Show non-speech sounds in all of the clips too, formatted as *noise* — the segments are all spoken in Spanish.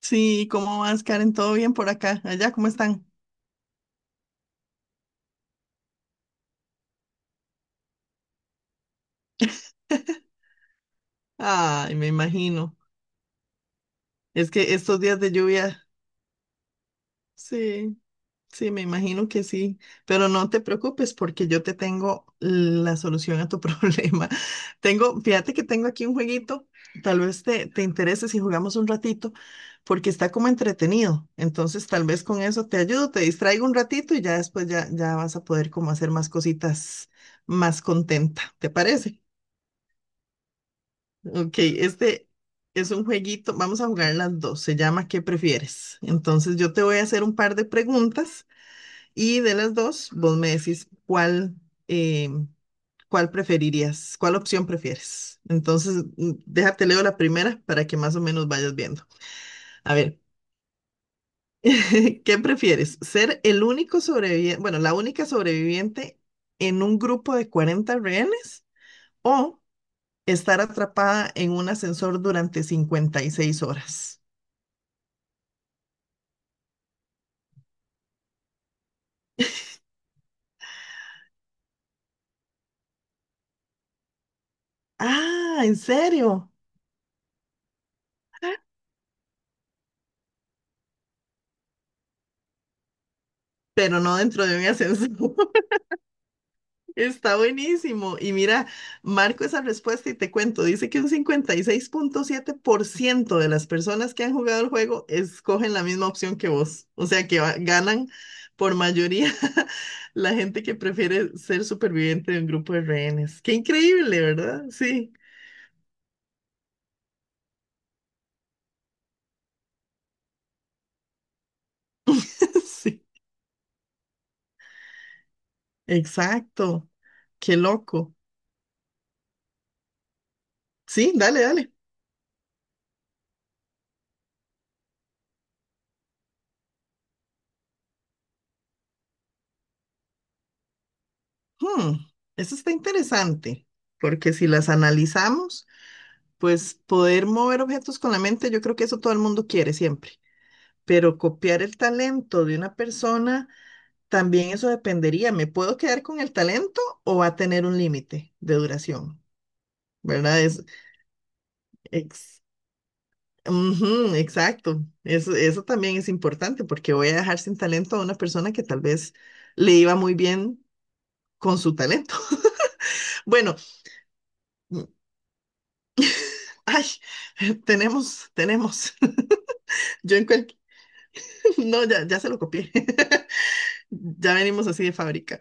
Sí, ¿cómo vas, Karen? ¿Todo bien por acá? Allá, ¿cómo están? *laughs* Ay, me imagino. Es que estos días de lluvia, sí, sí, me imagino que sí. Pero no te preocupes porque yo te tengo la solución a tu *laughs* problema. Tengo, fíjate que tengo aquí un jueguito. Tal vez te interese si jugamos un ratito porque está como entretenido. Entonces, tal vez con eso te ayudo, te distraigo un ratito y ya después ya vas a poder como hacer más cositas más contenta. ¿Te parece? Ok, este es un jueguito, vamos a jugar las dos, se llama ¿Qué prefieres? Entonces yo te voy a hacer un par de preguntas y de las dos vos me decís cuál, eh, cuál preferirías, cuál opción prefieres. Entonces déjate leo la primera para que más o menos vayas viendo. A ver, *laughs* ¿qué prefieres? ¿Ser el único sobreviviente, bueno, la única sobreviviente en un grupo de 40 rehenes o estar atrapada en un ascensor durante 56 horas? Ah, ¿en serio? Pero no dentro de un ascensor. *laughs* Está buenísimo. Y mira, marco esa respuesta y te cuento. Dice que un 56,7% de las personas que han jugado el juego escogen la misma opción que vos. O sea que ganan por mayoría *laughs* la gente que prefiere ser superviviente de un grupo de rehenes. Qué increíble, ¿verdad? Sí, *laughs* sí, exacto. Qué loco. Sí, dale, dale. Hmm, eso está interesante, porque si las analizamos, pues poder mover objetos con la mente, yo creo que eso todo el mundo quiere siempre, pero copiar el talento de una persona, también eso dependería. ¿Me puedo quedar con el talento o va a tener un límite de duración? ¿Verdad? Ex- ujú, exacto. Eso también es importante, porque voy a dejar sin talento a una persona que tal vez le iba muy bien con su talento. *laughs* Bueno. Ay, *laughs* tenemos. *laughs* Yo en cualquier… *laughs* No, ya se lo copié. *laughs* Ya venimos así de fábrica.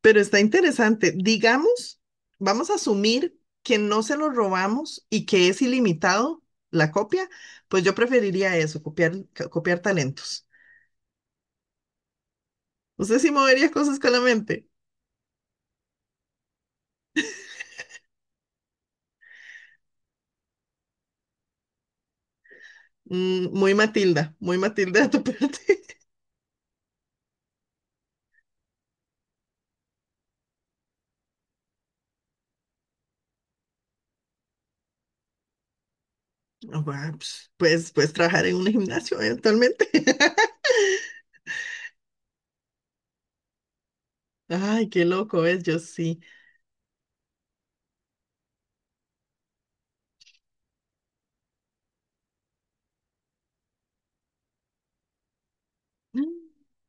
Pero está interesante. Digamos, vamos a asumir que no se lo robamos y que es ilimitado la copia. Pues yo preferiría eso, copiar, copiar talentos. Usted sí movería cosas con la mente. Mm, muy Matilda de tu parte. *laughs* Ah, bueno, pues, puedes trabajar en un gimnasio eventualmente. *laughs* Ay, qué loco es, yo sí.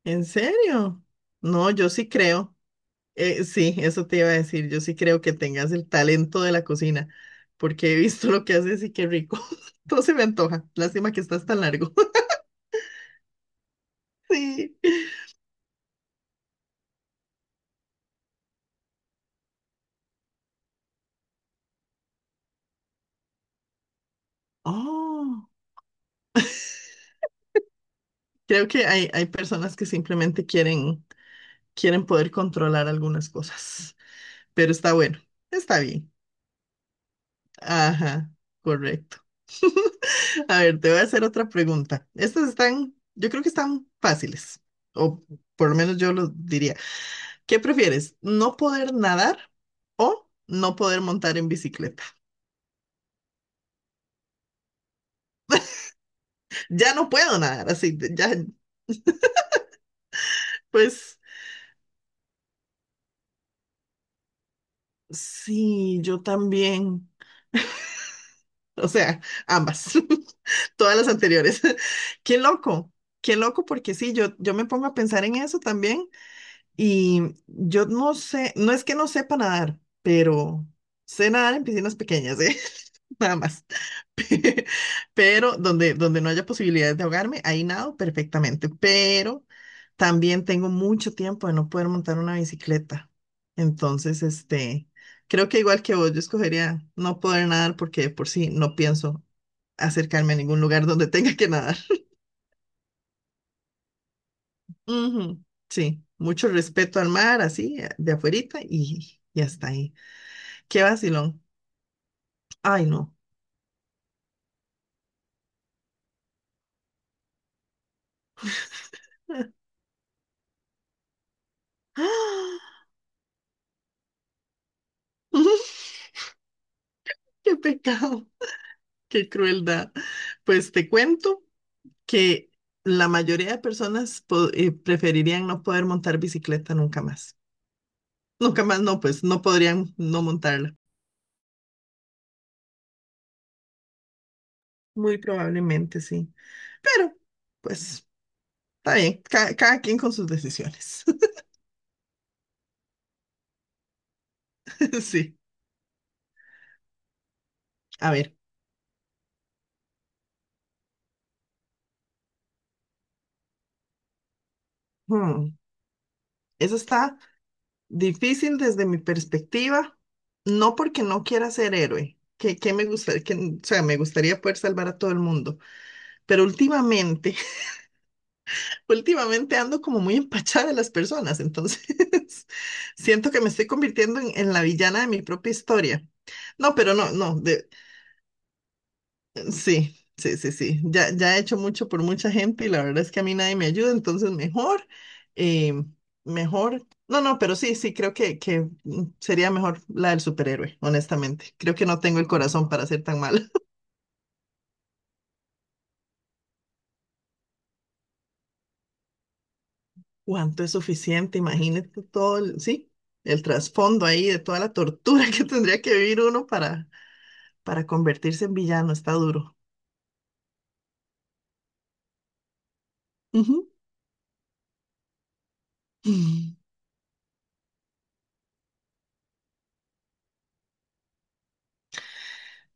¿En serio? No, yo sí creo. Sí, eso te iba a decir. Yo sí creo que tengas el talento de la cocina, porque he visto lo que haces y qué rico. *laughs* Todo se me antoja. Lástima que estás tan largo. *laughs* Sí. Oh, creo que hay personas que simplemente quieren poder controlar algunas cosas, pero está bueno, está bien. Ajá, correcto. *laughs* A ver, te voy a hacer otra pregunta. Estas están, yo creo que están fáciles, o por lo menos yo lo diría. ¿Qué prefieres? ¿No poder nadar o no poder montar en bicicleta? Ya no puedo nadar, así, ya, pues sí, yo también. O sea, ambas, *laughs* todas las anteriores. *laughs* Qué loco, qué loco, porque sí, yo me pongo a pensar en eso también y yo no sé, no es que no sepa nadar, pero sé nadar en piscinas pequeñas, ¿eh? *laughs* Nada más. *laughs* Pero donde no haya posibilidades de ahogarme, ahí nado perfectamente. Pero también tengo mucho tiempo de no poder montar una bicicleta. Entonces, creo que igual que vos, yo escogería no poder nadar porque de por sí no pienso acercarme a ningún lugar donde *laughs* tenga que nadar. *laughs* Ujú. Sí, mucho respeto al mar, así, de afuerita y hasta ahí. Qué vacilón. Ay, no. *laughs* *gasps* Qué pecado, qué crueldad. Pues te cuento que la mayoría de personas preferirían no poder montar bicicleta nunca más. Nunca más no, pues no podrían no montarla. Muy probablemente sí. Pero, pues, está bien. Cada quien con sus decisiones. *laughs* Sí. A ver. hmm, Eso está difícil desde mi perspectiva. No porque no quiera ser héroe. Que me gustaría, que, o sea, me gustaría poder salvar a todo el mundo. Pero Últimamente ando como muy empachada de las personas, entonces *laughs* siento que me estoy convirtiendo en la villana de mi propia historia. No, pero no, no, de, sí, sí, sí, sí. Ya he hecho mucho por mucha gente y la verdad es que a mí nadie me ayuda, entonces mejor, eh, mejor. No, no, pero sí, sí, creo que sería mejor la del superhéroe, honestamente. Creo que no tengo el corazón para ser tan mala. ¿Cuánto es suficiente? Imagínate todo el, sí, el trasfondo ahí de toda la tortura *laughs* que tendría que vivir uno para convertirse en villano. Está duro. Ujú. Mm,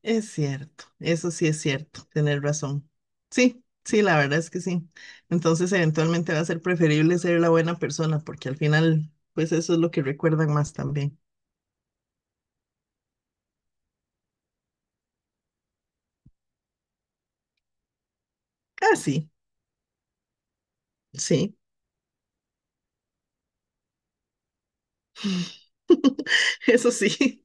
Es cierto, eso sí es cierto, tener razón. Sí, sí, la verdad es que sí. Entonces, eventualmente va a ser preferible ser la buena persona, porque al final, pues eso es lo que recuerdan más también. Ah, sí, sí, *laughs* eso sí.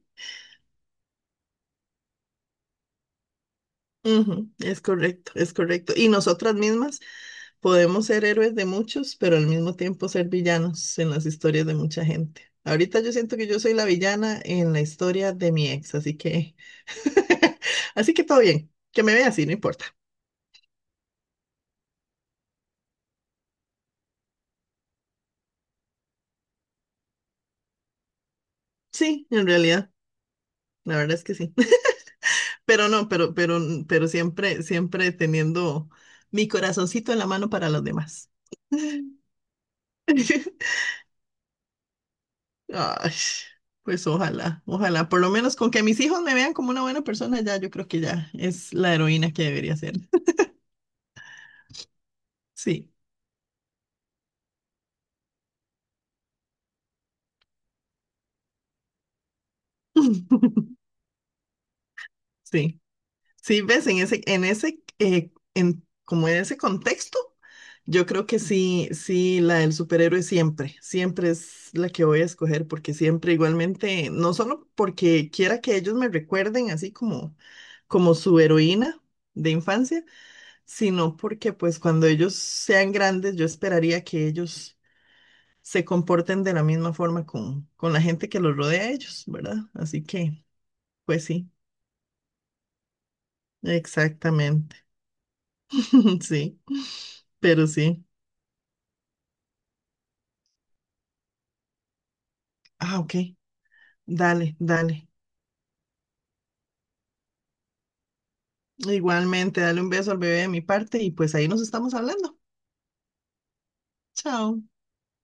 Ujú. Es correcto, es correcto. Y nosotras mismas. Podemos ser héroes de muchos, pero al mismo tiempo ser villanos en las historias de mucha gente. Ahorita yo siento que yo soy la villana en la historia de mi ex, así que, *laughs* así que todo bien. Que me vea así, no importa. Sí, en realidad, la verdad es que sí. *laughs* Pero no, pero siempre, siempre teniendo mi corazoncito en la mano para los demás. *laughs* Ay, pues ojalá, ojalá, por lo menos con que mis hijos me vean como una buena persona, ya yo creo que ya es la heroína que debería ser. Sí, *laughs* sí, sí, ves, como en ese contexto, yo creo que sí, sí, la del superhéroe siempre, siempre es la que voy a escoger, porque siempre igualmente, no solo porque quiera que ellos me recuerden así como su heroína de infancia, sino porque pues cuando ellos sean grandes, yo esperaría que ellos se comporten de la misma forma con la gente que los rodea a ellos, ¿verdad? Así que, pues sí. Exactamente. *laughs* Sí, pero sí. Ah, ok. Dale, dale. Igualmente, dale un beso al bebé de mi parte y pues ahí nos estamos hablando. Chao.